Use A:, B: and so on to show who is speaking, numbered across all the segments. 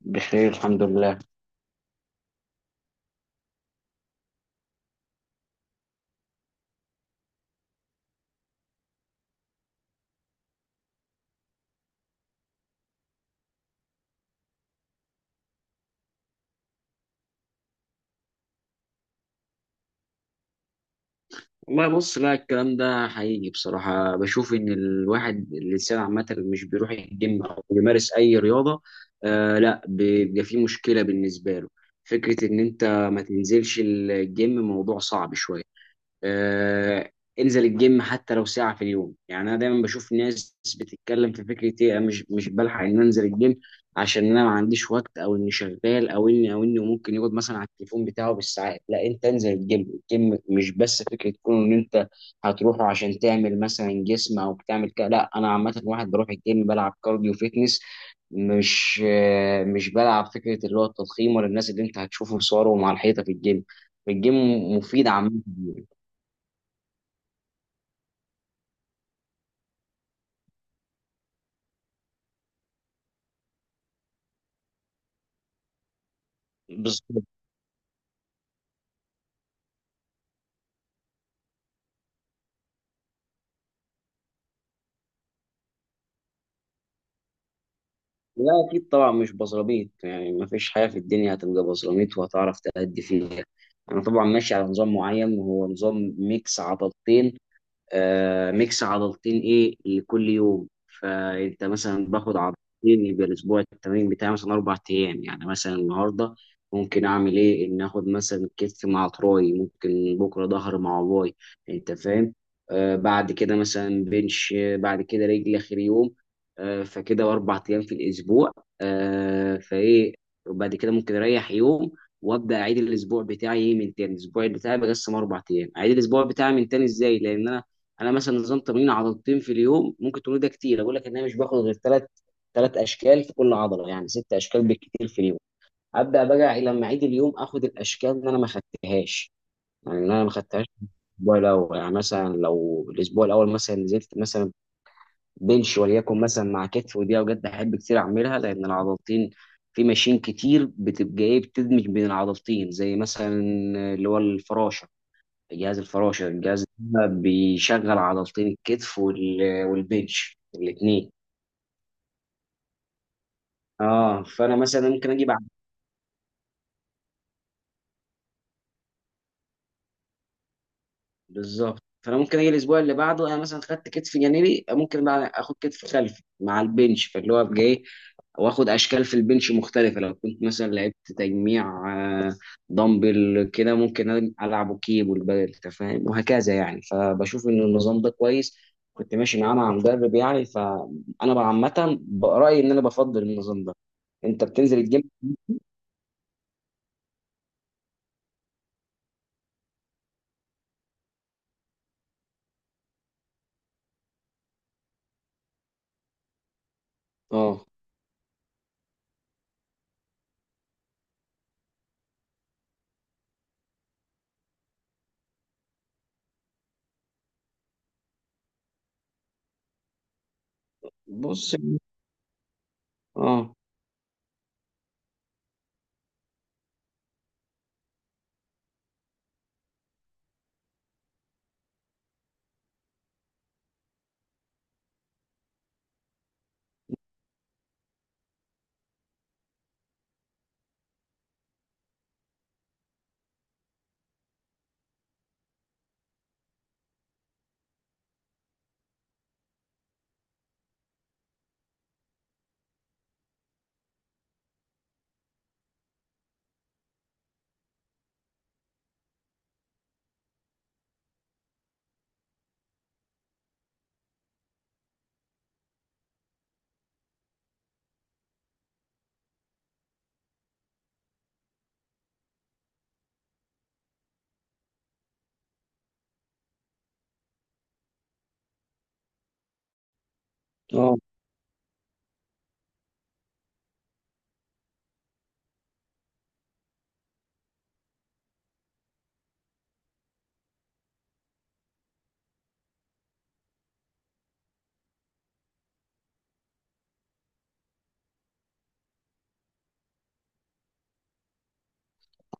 A: بخير الحمد لله. والله بص، لا الكلام ده حقيقي بصراحة. بشوف إن الواحد الإنسان عامة مش بيروح الجيم أو بيمارس أي رياضة، آه لا بيبقى فيه مشكلة بالنسبة له. فكرة إن أنت ما تنزلش الجيم موضوع صعب شوية. آه، انزل الجيم حتى لو ساعة في اليوم. يعني انا دايما بشوف ناس بتتكلم في فكرة ايه، أنا مش بلحق ان انزل الجيم عشان انا ما عنديش وقت، او اني شغال، او اني ممكن يقعد مثلا على التليفون بتاعه بالساعات. لا انت انزل الجيم. الجيم مش بس فكرة تكون ان انت هتروحه عشان تعمل مثلا جسم او بتعمل كده. لا انا عامة واحد بروح الجيم بلعب كارديو فيتنس، مش بلعب فكرة اللي هو التضخيم ولا الناس اللي انت هتشوفه صورهم على الحيطة في الجيم. الجيم مفيد عامة. بالظبط. لا اكيد طبعا مش بصراميط. يعني ما فيش حاجه في الدنيا هتبقى بصراميط وهتعرف تأدي فيها. انا طبعا ماشي على نظام معين، وهو نظام ميكس عضلتين. ميكس عضلتين ايه لكل يوم. فانت مثلا باخد عضلتين، يبقى الاسبوع التمرين بتاعي مثلا اربع ايام. يعني مثلا النهارده ممكن اعمل ايه، ان اخد مثلا كتف مع تراي، ممكن بكره ظهر مع باي، انت فاهم. بعد كده مثلا بنش، بعد كده رجل اخر يوم. فكده اربع ايام في الاسبوع. آه فايه وبعد كده ممكن اريح يوم، وابدا اعيد الاسبوع بتاعي من تاني. الاسبوع بتاعي بقسم اربع ايام، اعيد الاسبوع بتاعي من تاني ازاي؟ لان انا مثلا نظام تمرين عضلتين في اليوم، ممكن تقول ده كتير، اقول لك ان انا مش باخد غير ثلاث اشكال في كل عضله، يعني ست اشكال بالكتير في اليوم. ابدا بقى لما اعيد اليوم اخد الاشكال اللي انا ما خدتهاش، يعني اللي انا ما خدتهاش الاسبوع الاول. يعني مثلا لو الاسبوع الاول مثلا نزلت مثلا بنش وليكن مثلا مع كتف، ودي اوجات بحب كتير اعملها لان العضلتين في ماشين كتير بتبقى ايه، بتدمج بين العضلتين، زي مثلا اللي هو الفراشه. جهاز الفراشة الجهاز ده بيشغل عضلتين الكتف والبنش الاتنين. اه فانا مثلا ممكن اجي بعد. بالظبط. فانا ممكن اجي الاسبوع اللي بعده، انا مثلا خدت كتف جانبي ممكن بقى اخد كتف خلفي مع البنش فاللي هو ابقى ايه، واخد اشكال في البنش مختلفه. لو كنت مثلا لعبت تجميع آه، دمبل كده، ممكن العبه كيب والبدل، انت فاهم، وهكذا. يعني فبشوف ان النظام ده كويس، كنت ماشي معاه مع مدرب. يعني فانا بقى عامه برايي ان انا بفضل النظام ده. انت بتنزل الجيم؟ اه بص اه اه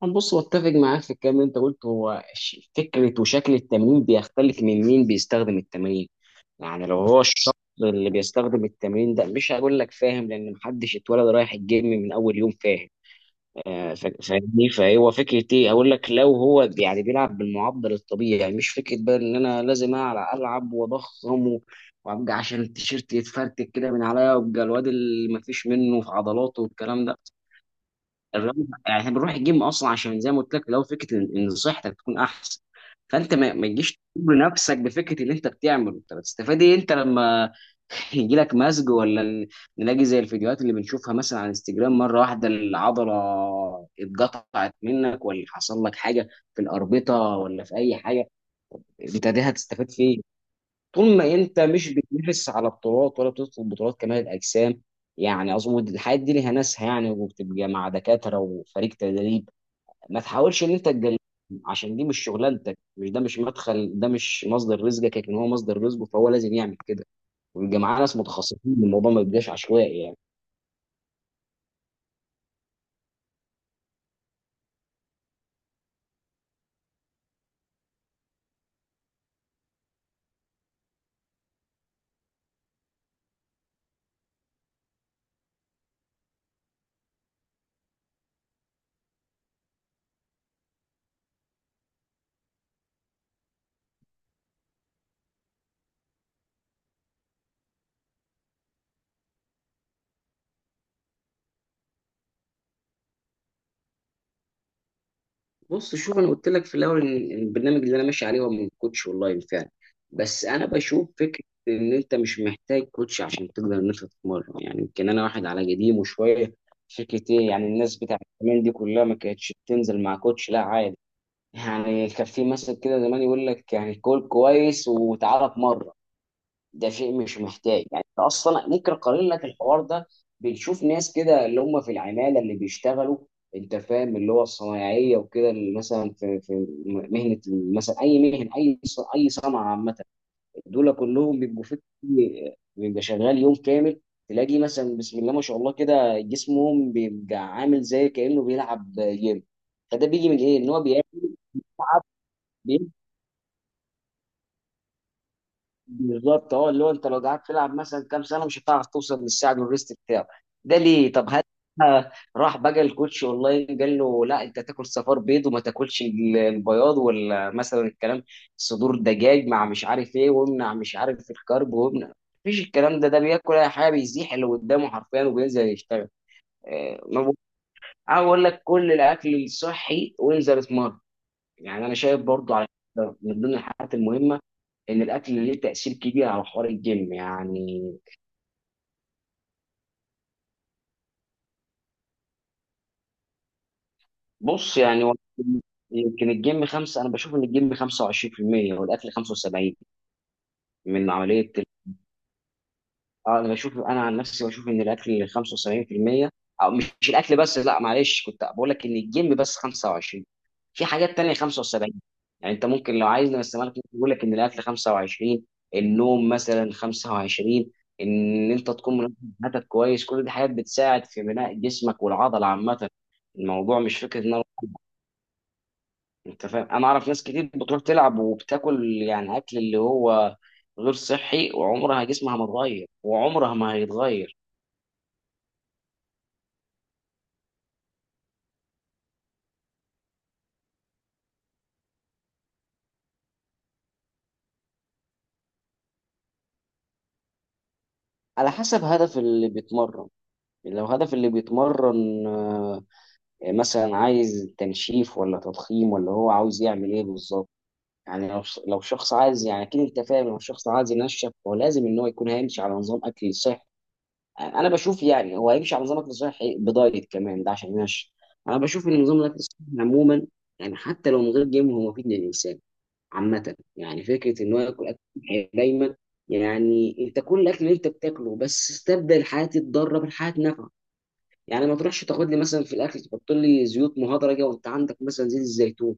A: بص واتفق معاك في الكلام اللي انت قلته. هو فكره وشكل التمرين بيختلف من مين بيستخدم التمرين. يعني لو هو الشخص اللي بيستخدم التمرين ده، مش هقول لك فاهم، لان محدش اتولد رايح الجيم من اول يوم، فاهم. فاهمني. فهو فكره ايه، اقول لك لو هو يعني بيلعب بالمعدل الطبيعي، يعني مش فكره بقى ان انا لازم العب واضخم وابقى عشان التيشيرت يتفرتك كده من عليا، وابقى الواد اللي مفيش منه في عضلاته والكلام ده. الرياضه يعني احنا بنروح الجيم اصلا عشان زي ما قلت لك، لو فكره ان إن صحتك تكون احسن. فانت ما تجيش تجبر نفسك بفكره اللي انت بتعمله، انت بتستفاد ايه؟ انت لما يجي لك مزج نلاقي زي الفيديوهات اللي بنشوفها مثلا على انستجرام، مره واحده العضله اتقطعت منك، ولا حصل لك حاجه في الاربطه، ولا في اي حاجه، انت دي هتستفاد فين؟ طول ما انت مش بتنافس على بطولات ولا بتدخل بطولات كمال الاجسام، يعني اظن الحاجات دي ليها ناسها يعني، وبتبقى مع دكاتره وفريق تدريب. ما تحاولش ان انت تقلل عشان دي مش شغلانتك، مش ده مش مدخل، ده مش مصدر رزقك، لكن هو مصدر رزقه فهو لازم يعمل كده، ويبقى معاه ناس متخصصين، الموضوع ما يبقاش عشوائي يعني. بص شوف، انا قلت لك في الاول ان إن البرنامج اللي انا ماشي عليه هو من كوتش اونلاين فعلا. بس انا بشوف فكره ان انت مش محتاج كوتش عشان تقدر ان انت تتمرن. يعني يمكن انا واحد على قديمه شويه، فكره ايه، يعني الناس بتاعت زمان دي كلها ما كانتش بتنزل مع كوتش، لا عادي. يعني كان في مثل كده زمان يقول لك يعني كول كويس وتعالى اتمرن. ده شيء مش محتاج. يعني انت اصلا ممكن اقارن لك الحوار ده، بنشوف ناس كده اللي هم في العماله اللي بيشتغلوا، انت فاهم، اللي هو الصنايعيه وكده، اللي مثلا في مهنه، مثلا اي مهنه، اي صنعه عامه، دول كلهم بيبقوا في بيبقى شغال يوم كامل، تلاقي مثلا بسم الله ما شاء الله كده جسمهم بيبقى عامل زي كانه بيلعب جيم. فده بيجي من ايه، ان هو بياكل. بالظبط. اه اللي هو انت لو قعدت تلعب مثلا كام سنه مش هتعرف توصل للساعه الريست بتاعه، ده ليه؟ طب هل راح بقى الكوتش اونلاين قال له لا انت تاكل صفار بيض وما تاكلش البياض، ولا مثلا الكلام صدور دجاج مع مش عارف ايه، وامنع مش عارف الكرب، وامنع؟ مفيش الكلام ده، ده بياكل اي حاجه، بيزيح اللي قدامه حرفيا وبينزل يشتغل. آه، ما بقول- أنا بقول لك كل الاكل الصحي وانزل اتمرن. يعني انا شايف برضو على من ضمن الحاجات المهمه ان الاكل ليه تاثير كبير على حوار الجيم يعني. بص يعني هو يمكن الجيم خمسة، انا بشوف ان الجيم 25% والاكل 75 من عمليه. اه انا عن نفسي بشوف ان الاكل 75%، او مش الاكل بس. لا معلش، كنت بقول لك ان الجيم بس 25، في حاجات تانية 75. يعني انت ممكن لو عايز نقسمها لك، ممكن يقول لك ان الاكل 25، النوم مثلا 25، ان انت تكون منظم حياتك كويس، كل دي حاجات بتساعد في بناء جسمك والعضله عامه. الموضوع مش فكره ان انت فاهم، انا اعرف ناس كتير بتروح تلعب وبتاكل يعني اكل اللي هو غير صحي، وعمرها جسمها ما اتغير وعمرها ما هيتغير. على حسب هدف اللي بيتمرن، لو هدف اللي بيتمرن مثلا عايز تنشيف ولا تضخيم، ولا هو عاوز يعمل ايه بالظبط. يعني لو شخص عايز، يعني اكيد انت فاهم، لو شخص عايز ينشف هو لازم ان هو يكون هيمشي على نظام اكل صحي. انا بشوف يعني هو هيمشي على نظام اكل صحي بدايت كمان ده عشان ينشف. انا بشوف ان نظام الاكل الصحي عموما، يعني حتى لو من غير جيم هو مفيد للانسان عامة، يعني فكرة إن هو ياكل أكل صحي دايما. يعني أنت كل الأكل اللي أنت بتاكله، بس استبدل حياة الضارة بحياة نافعة. يعني ما تروحش تاخد لي مثلا في الأكل تحط لي زيوت مهدرجة، وأنت عندك مثلا زيت الزيتون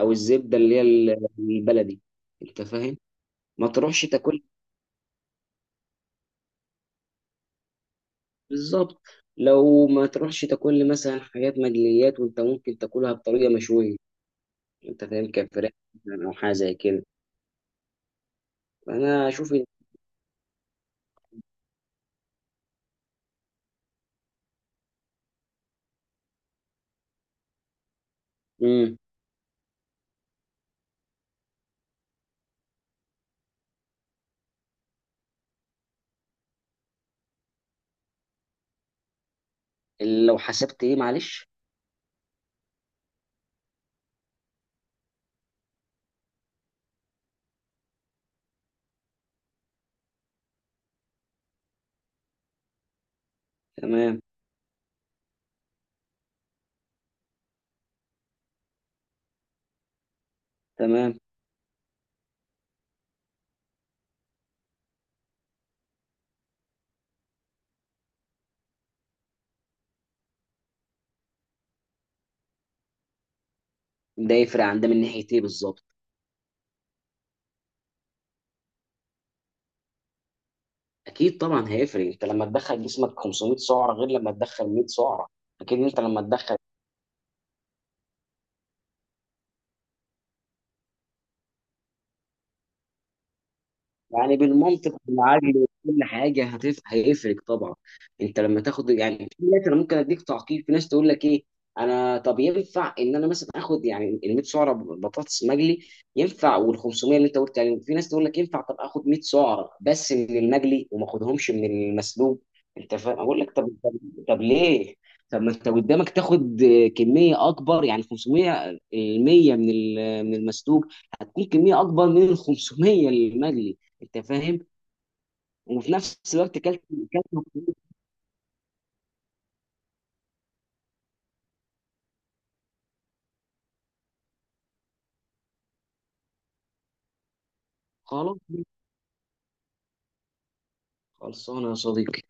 A: أو الزبدة اللي هي البلدي، أنت فاهم. ما تروحش تاكل، بالظبط، لو ما تروحش تاكل لي مثلا حاجات مقليات، وأنت ممكن تاكلها بطريقة مشوية، أنت فاهم، كفراخ مثلا أو حاجة زي كده. فأنا مم. لو حسبت إيه معلش. تمام. تمام. ده يفرق عن ده من ناحيه ايه بالظبط؟ اكيد طبعا هيفرق، انت لما تدخل جسمك 500 سعره غير لما تدخل 100 سعره. اكيد انت لما تدخل، يعني بالمنطق بالعقل وكل حاجه هيفرق طبعا. انت لما تاخد يعني، في ناس انا ممكن اديك تعقيب، في ناس تقول لك ايه، انا طب ينفع ان انا مثلا اخد يعني ال 100 سعره بطاطس مقلي، ينفع، وال 500 اللي انت قلت عليهم، في ناس تقول لك ينفع، طب اخد 100 سعره بس من المقلي وما اخدهمش من المسلوق. انت فاهم، اقول لك طب، طب، طب ليه؟ طب ما انت قدامك تاخد كميه اكبر، يعني 500 ال 100 من من المسلوق هتكون كميه اكبر من ال 500 المقلي، انت فاهم، وفي نفس الوقت كلت كلت. خلاص خلصانه يا صديقي.